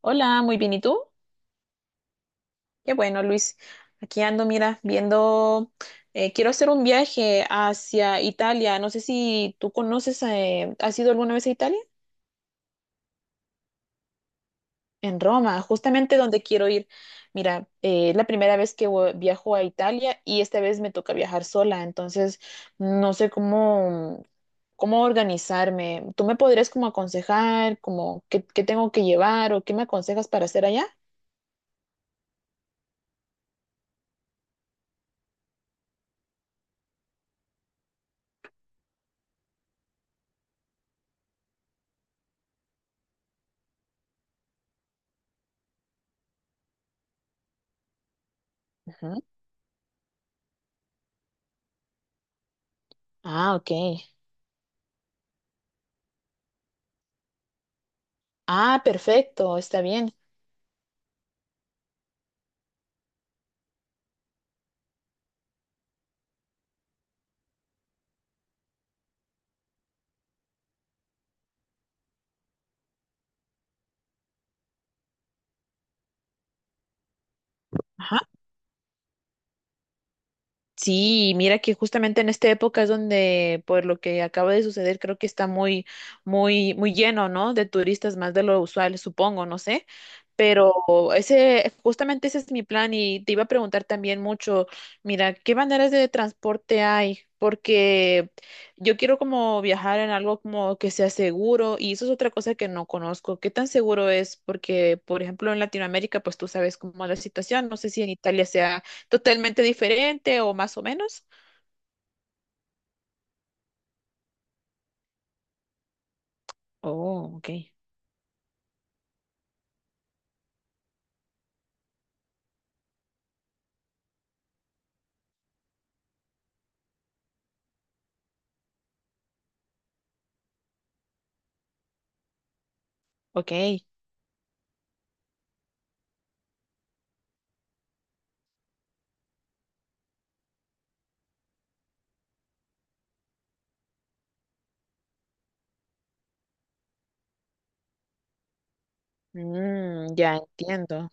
Hola, muy bien. ¿Y tú? Qué bueno, Luis. Aquí ando, mira, viendo, quiero hacer un viaje hacia Italia. No sé si tú conoces, ¿has ido alguna vez a Italia? En Roma, justamente donde quiero ir. Mira, es la primera vez que viajo a Italia y esta vez me toca viajar sola, entonces no sé cómo, cómo organizarme. ¿Tú me podrías como aconsejar, como qué tengo que llevar o qué me aconsejas para hacer allá? Ujú. Ah, ok. Ah, perfecto, está bien. Ajá. Sí, mira que justamente en esta época es donde, por lo que acaba de suceder, creo que está muy, muy lleno, ¿no? De turistas, más de lo usual, supongo, no sé. Pero justamente ese es mi plan y te iba a preguntar también mucho, mira, ¿qué maneras de transporte hay? Porque yo quiero como viajar en algo como que sea seguro y eso es otra cosa que no conozco. ¿Qué tan seguro es? Porque, por ejemplo, en Latinoamérica, pues tú sabes cómo es la situación. No sé si en Italia sea totalmente diferente o más o menos. Oh, ok, ok. Mm, ya entiendo.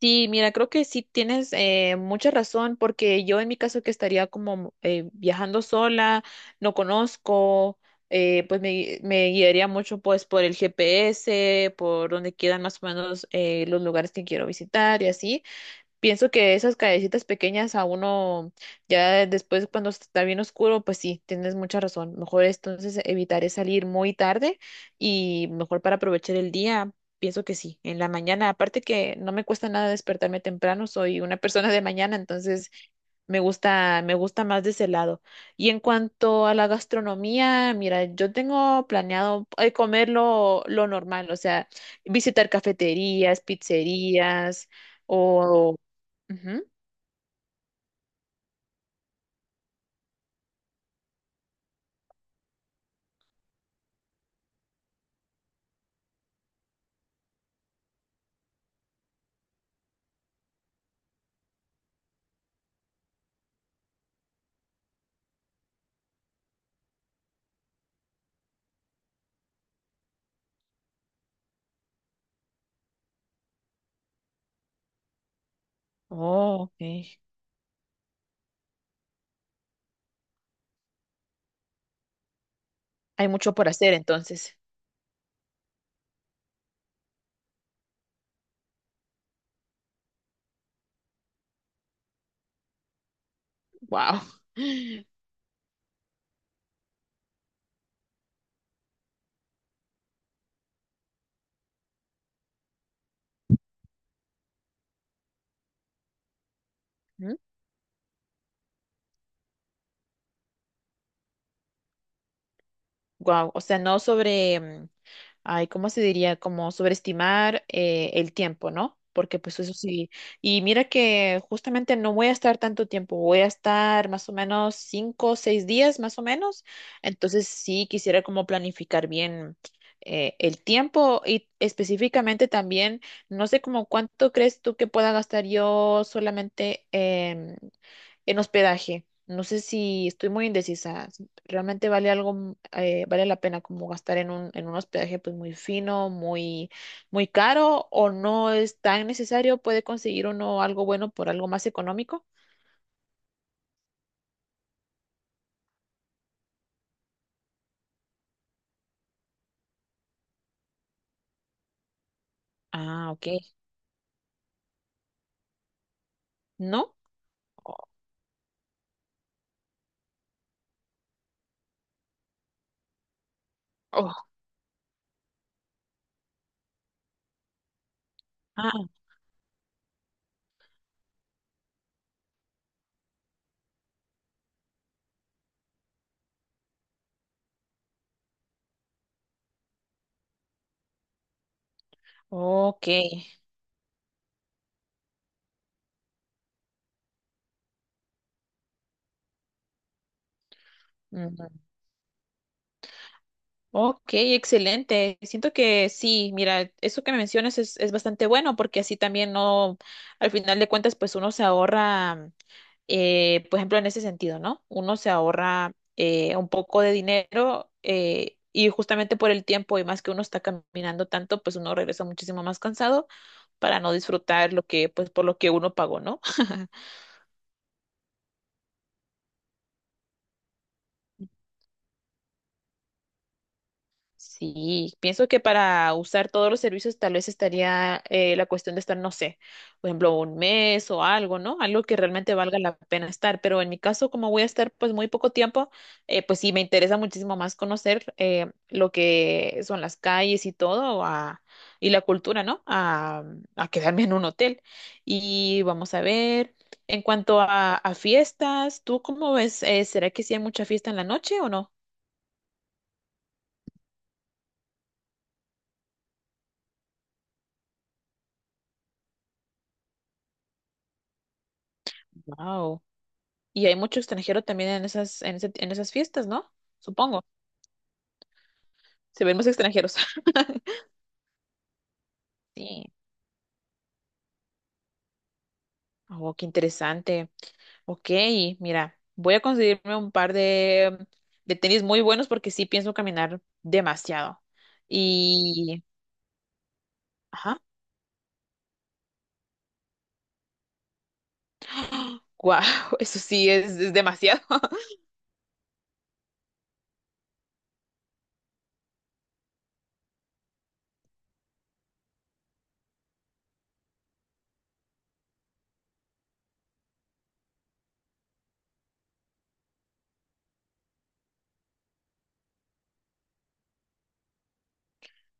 Sí, mira, creo que sí tienes mucha razón, porque yo en mi caso, que estaría como viajando sola, no conozco, pues me guiaría mucho pues por el GPS, por donde quedan más o menos los lugares que quiero visitar y así. Pienso que esas callecitas pequeñas a uno, ya después cuando está bien oscuro, pues sí, tienes mucha razón. Mejor es, entonces evitaré salir muy tarde y mejor para aprovechar el día, pienso que sí, en la mañana. Aparte que no me cuesta nada despertarme temprano, soy una persona de mañana, entonces me gusta más de ese lado. Y en cuanto a la gastronomía, mira, yo tengo planeado comer lo normal, o sea, visitar cafeterías, pizzerías o Ujú. Oh, ok. Hay mucho por hacer, entonces. Wow. Wow. O sea, no sobre, mm, ay, ¿cómo se diría? Como sobreestimar el tiempo, ¿no? Porque pues eso sí. Y mira que justamente no voy a estar tanto tiempo, voy a estar más o menos cinco o seis días, más o menos. Entonces sí quisiera como planificar bien el tiempo y específicamente también, no sé como cuánto crees tú que pueda gastar yo solamente en hospedaje. No sé, si estoy muy indecisa, si realmente vale algo, mm, vale la pena como gastar en en un hospedaje pues muy fino, muy caro, o no es tan necesario, puede conseguir uno algo bueno por algo más económico. Ah, ok. ¿No? Oh, ah, ok. Ok, excelente. Siento que sí, mira, eso que me mencionas es bastante bueno porque así también no, al final de cuentas, pues uno se ahorra, por ejemplo, en ese sentido, ¿no? Uno se ahorra un poco de dinero y justamente por el tiempo y más que uno está caminando tanto, pues uno regresa muchísimo más cansado para no disfrutar lo que, pues por lo que uno pagó, ¿no? Sí, pienso que para usar todos los servicios tal vez estaría la cuestión de estar, no sé, por ejemplo, un mes o algo, ¿no? Algo que realmente valga la pena estar. Pero en mi caso, como voy a estar pues muy poco tiempo, pues sí, me interesa muchísimo más conocer lo que son las calles y todo y la cultura, ¿no? A quedarme en un hotel. Y vamos a ver, en cuanto a fiestas, ¿tú cómo ves? ¿Será que sí hay mucha fiesta en la noche o no? Wow. Y hay mucho extranjero también en esas, en en esas fiestas, ¿no? Supongo. Se ven más extranjeros. Sí. Oh, qué interesante. Ok, mira, voy a conseguirme un par de tenis muy buenos porque sí pienso caminar demasiado. Y, ajá, wow, eso sí es demasiado.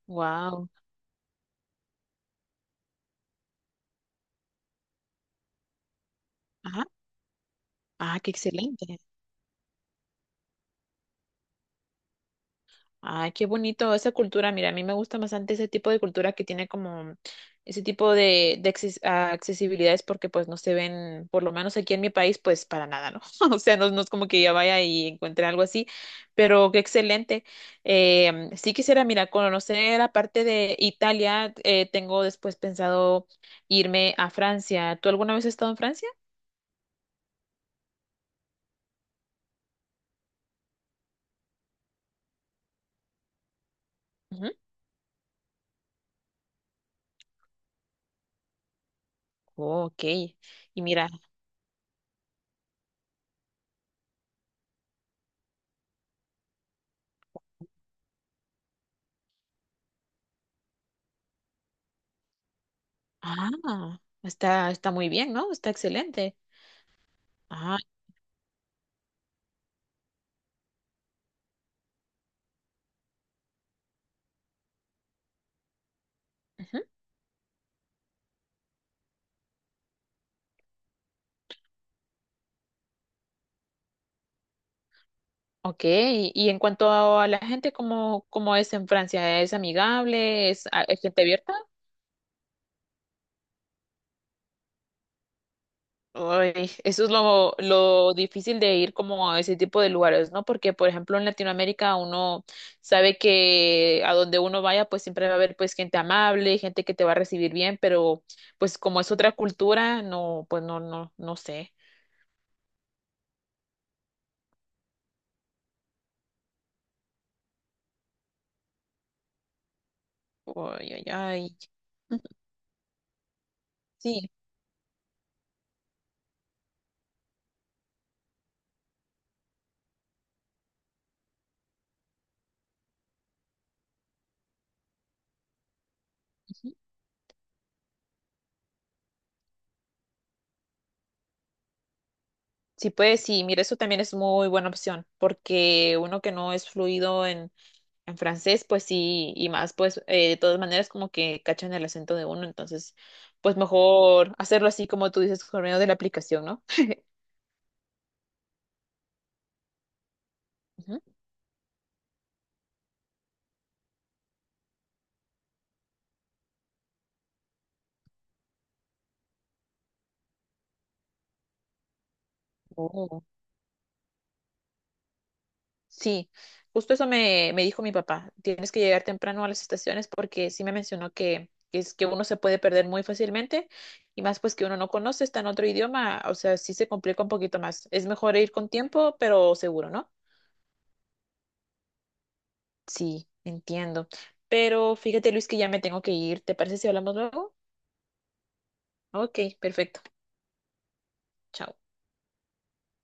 Wow. Ajá. Ah, qué excelente. Ay, qué bonito esa cultura. Mira, a mí me gusta bastante ese tipo de cultura que tiene como ese tipo de ah, accesibilidades porque pues no se ven, por lo menos aquí en mi país, pues para nada, ¿no? O sea, no es como que ya vaya y encuentre algo así, pero qué excelente. Sí quisiera, mira, conocer la parte de Italia. Eh, tengo después pensado irme a Francia. ¿Tú alguna vez has estado en Francia? Ujú. Oh, ok. Y mira, ah, está muy bien, ¿no? Está excelente. Ah. Ok, y en cuanto a la gente, ¿cómo, cómo es en Francia? ¿Es amigable? ¿Es, es gente abierta? Ay, eso es lo difícil de ir como a ese tipo de lugares, ¿no? Porque, por ejemplo, en Latinoamérica uno sabe que a donde uno vaya, pues siempre va a haber pues gente amable, gente que te va a recibir bien, pero pues como es otra cultura, no, pues no sé. Ay, ay, ay. Ujú. Sí. Ujú. Sí, pues sí, mira, eso también es muy buena opción, porque uno que no es fluido en francés, pues sí, y más, pues de todas maneras como que cachan el acento de uno, entonces, pues mejor hacerlo así como tú dices, por medio de la aplicación, ¿no? Ujú. Oh. Sí, justo eso me dijo mi papá, tienes que llegar temprano a las estaciones porque sí me mencionó que es que uno se puede perder muy fácilmente y más pues que uno no conoce, está en otro idioma, o sea, sí se complica un poquito más. Es mejor ir con tiempo, pero seguro, ¿no? Sí, entiendo. Pero fíjate, Luis, que ya me tengo que ir. ¿Te parece si hablamos luego? Ok, perfecto. Chao.